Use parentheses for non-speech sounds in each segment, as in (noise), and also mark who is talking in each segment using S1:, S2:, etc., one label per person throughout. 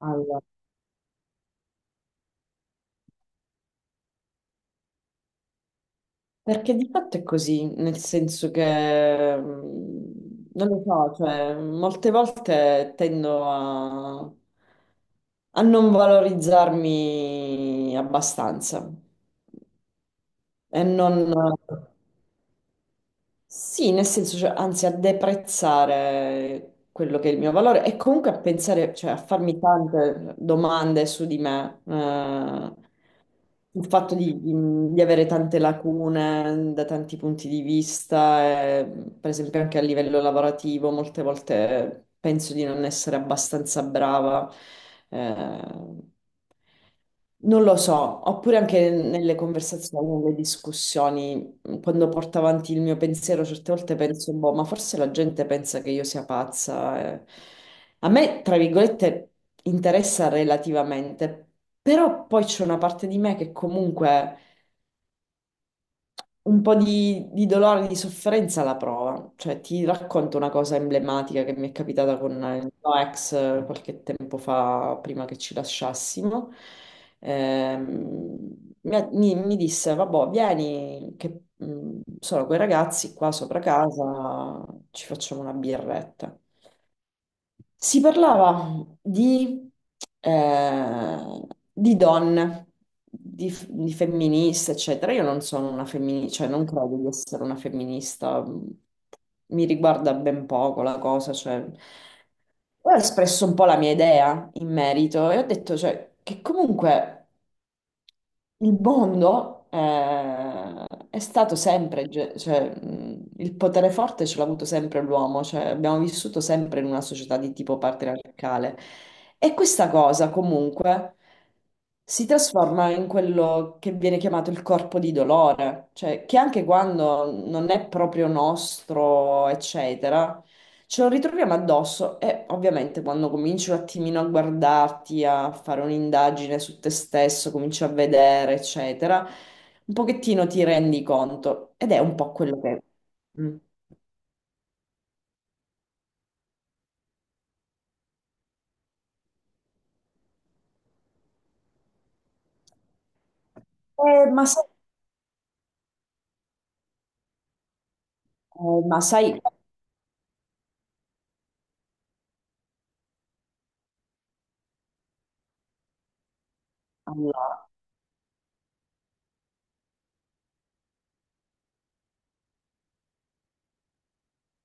S1: Allora, perché di fatto è così, nel senso che non lo so, cioè, molte volte tendo a non valorizzarmi abbastanza e non, sì, nel senso, cioè, anzi, a deprezzare quello che è il mio valore e comunque a pensare, cioè, a farmi tante domande su di me. Il fatto di avere tante lacune da tanti punti di vista, per esempio anche a livello lavorativo, molte volte penso di non essere abbastanza brava, eh, non lo so, oppure anche nelle conversazioni, nelle discussioni, quando porto avanti il mio pensiero, certe volte penso, boh, ma forse la gente pensa che io sia pazza. A me, tra virgolette, interessa relativamente, però poi c'è una parte di me che comunque un po' di, dolore, di sofferenza la prova. Cioè, ti racconto una cosa emblematica che mi è capitata con il mio ex qualche tempo fa, prima che ci lasciassimo. Mi disse, vabbè, vieni, che sono quei ragazzi qua sopra casa, ci facciamo una birretta. Si parlava eh, di donne, di femministe, eccetera. Io non sono una femminista, cioè non credo di essere una femminista, mi riguarda ben poco la cosa, cioè ho espresso un po' la mia idea in merito e ho detto, cioè, che comunque. Il mondo è stato sempre, cioè, il potere forte ce l'ha avuto sempre l'uomo, cioè, abbiamo vissuto sempre in una società di tipo patriarcale e questa cosa comunque si trasforma in quello che viene chiamato il corpo di dolore, cioè che anche quando non è proprio nostro, eccetera. Ce lo ritroviamo addosso e ovviamente quando cominci un attimino a guardarti, a fare un'indagine su te stesso, cominci a vedere, eccetera, un pochettino ti rendi conto ed è un po' quello che. Mm. Eh, ma sai, ma sai, allora,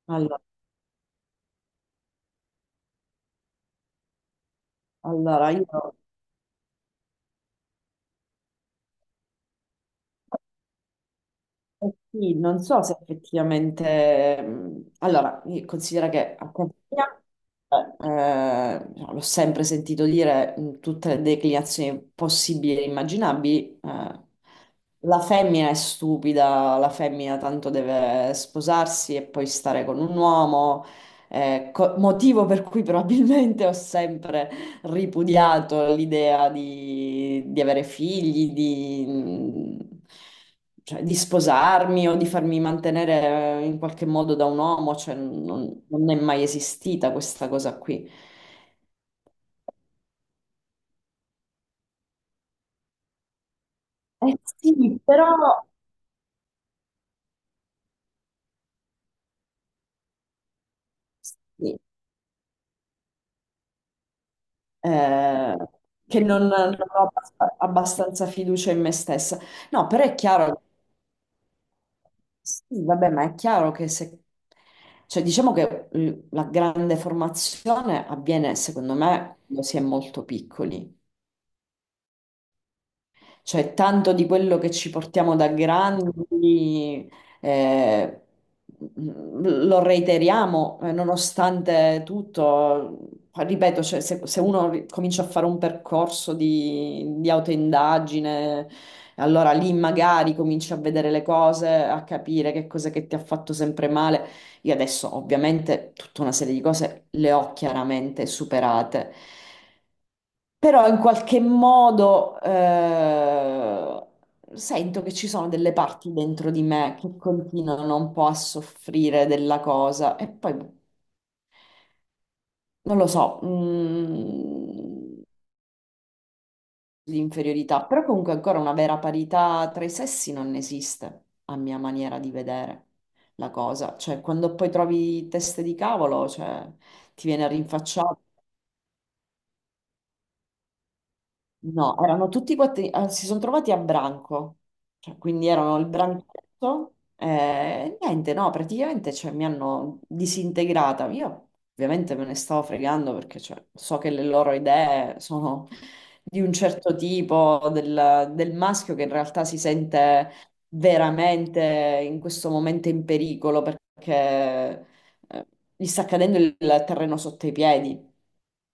S1: allora, allora, io Eh Sì, non so se effettivamente. Allora, considera che a casa mia, l'ho sempre sentito dire in tutte le declinazioni possibili e immaginabili, la femmina è stupida, la femmina tanto deve sposarsi e poi stare con un uomo, motivo per cui probabilmente ho sempre ripudiato l'idea di avere figli, cioè, di sposarmi o di farmi mantenere in qualche modo da un uomo, cioè, non è mai esistita questa cosa qui. Eh sì, però sì, eh, che non ho abbastanza fiducia in me stessa. No, però è chiaro. Sì, vabbè, ma è chiaro che se. Cioè, diciamo che la grande formazione avviene, secondo me, quando si è molto piccoli. Cioè, tanto di quello che ci portiamo da grandi, eh, lo reiteriamo, nonostante tutto. Ripeto, cioè, se uno comincia a fare un percorso di, autoindagine, allora lì magari cominci a vedere le cose, a capire che cosa che ti ha fatto sempre male. Io adesso ovviamente tutta una serie di cose le ho chiaramente superate. Però in qualche modo sento che ci sono delle parti dentro di me che continuano un po' a soffrire della cosa e poi boh, non lo so, l'inferiorità, però comunque ancora una vera parità tra i sessi non esiste, a mia maniera di vedere la cosa, cioè quando poi trovi teste di cavolo, cioè, ti viene rinfacciato. No, erano tutti quattro, si sono trovati a branco. Cioè, quindi erano il branchetto e niente, no, praticamente cioè, mi hanno disintegrata. Io ovviamente me ne stavo fregando perché cioè, so che le loro idee sono di un certo tipo, del maschio che in realtà si sente veramente in questo momento in pericolo perché eh, gli sta cadendo il terreno sotto i piedi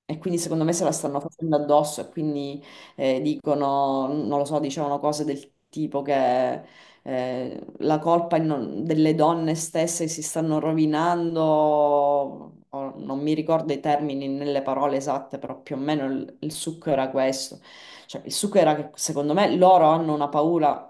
S1: e quindi secondo me se la stanno facendo addosso e quindi dicono, non lo so, dicevano cose del tipo che la colpa è delle donne stesse che si stanno rovinando, o non mi ricordo i termini nelle parole esatte, però più o meno il succo era questo. Cioè, il succo era che secondo me loro hanno una paura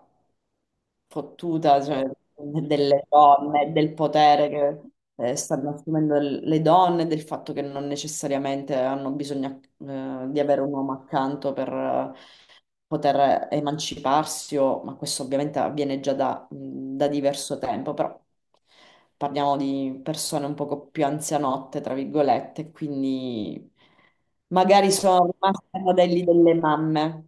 S1: fottuta, cioè, delle donne, del potere che stanno assumendo le donne, del fatto che non necessariamente hanno bisogno di avere un uomo accanto per poter emanciparsi, ma questo ovviamente avviene già da, diverso tempo, però parliamo di persone un poco più anzianotte, tra virgolette, quindi magari sono rimaste ai modelli delle mamme.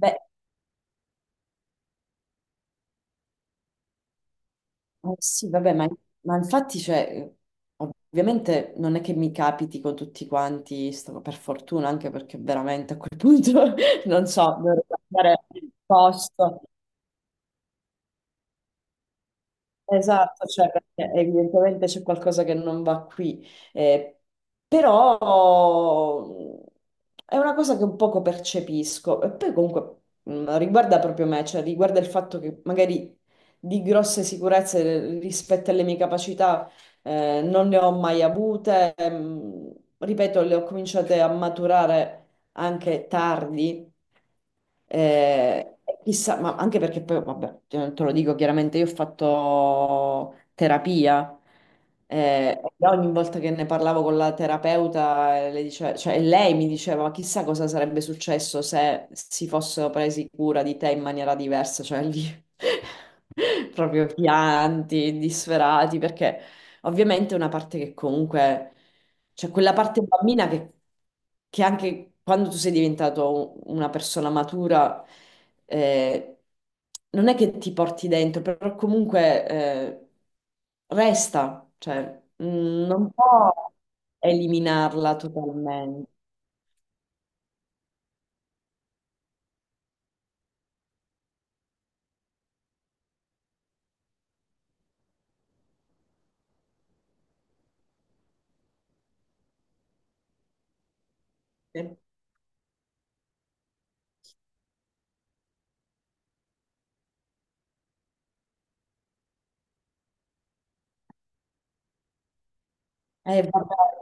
S1: Beh, sì, vabbè, ma infatti, cioè, ovviamente non è che mi capiti con tutti quanti, per fortuna, anche perché veramente a quel punto (laughs) non so, dovrei cambiare posto. Esatto, cioè perché evidentemente c'è qualcosa che non va qui, Eh, però è una cosa che un poco percepisco e poi comunque riguarda proprio me, cioè riguarda il fatto che magari di grosse sicurezze rispetto alle mie capacità non ne ho mai avute, ripeto, le ho cominciate a maturare anche tardi. Eh, chissà, ma anche perché poi, vabbè, te lo dico chiaramente, io ho fatto terapia e ogni volta che ne parlavo con la terapeuta, cioè, lei mi diceva, ma chissà cosa sarebbe successo se si fossero presi cura di te in maniera diversa, cioè lì (laughs) proprio pianti, disperati, perché. Ovviamente è una parte che comunque, cioè quella parte bambina che anche quando tu sei diventato una persona matura, eh, non è che ti porti dentro, però comunque resta, cioè non può eliminarla totalmente. Eh, vabbè.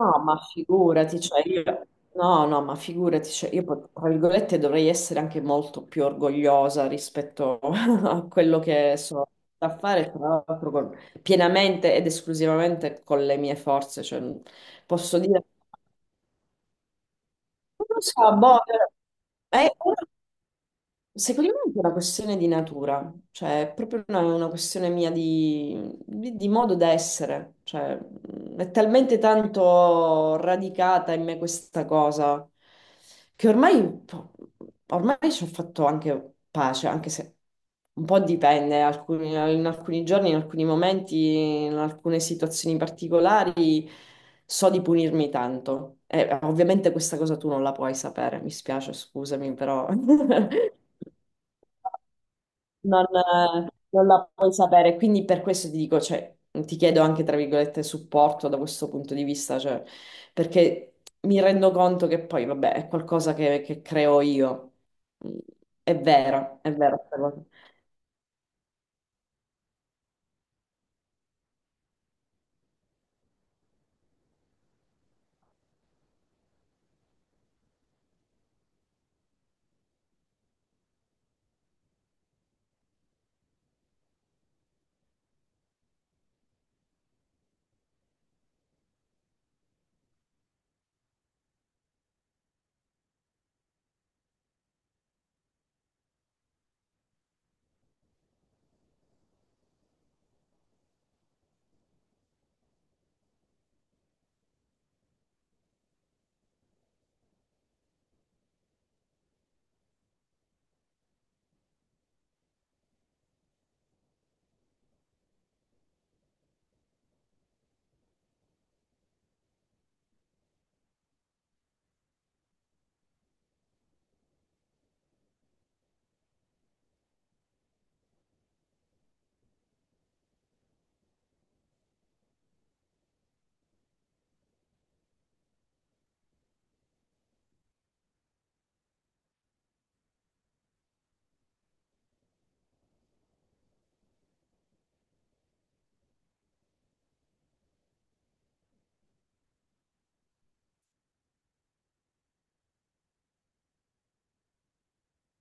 S1: No, ma figurati, cioè io, no, no, ma figurati, cioè io, tra virgolette, dovrei essere anche molto più orgogliosa rispetto (laughs) a quello che sono a fare, tra l'altro, pienamente ed esclusivamente con le mie forze, cioè, posso dire, non lo so, boh, eh, Secondo me è anche una questione di natura, cioè è proprio una questione mia di, di modo d'essere, cioè è talmente tanto radicata in me questa cosa che ormai, ormai ci ho fatto anche pace, anche se un po' dipende, in alcuni giorni, in alcuni momenti, in alcune situazioni particolari. So di punirmi tanto. E ovviamente questa cosa tu non la puoi sapere, mi spiace, scusami, però (laughs) non la puoi sapere. Quindi per questo ti dico, cioè, ti chiedo anche, tra virgolette, supporto da questo punto di vista, cioè, perché mi rendo conto che poi, vabbè, è qualcosa che, creo io. Mm. È vero, è vero.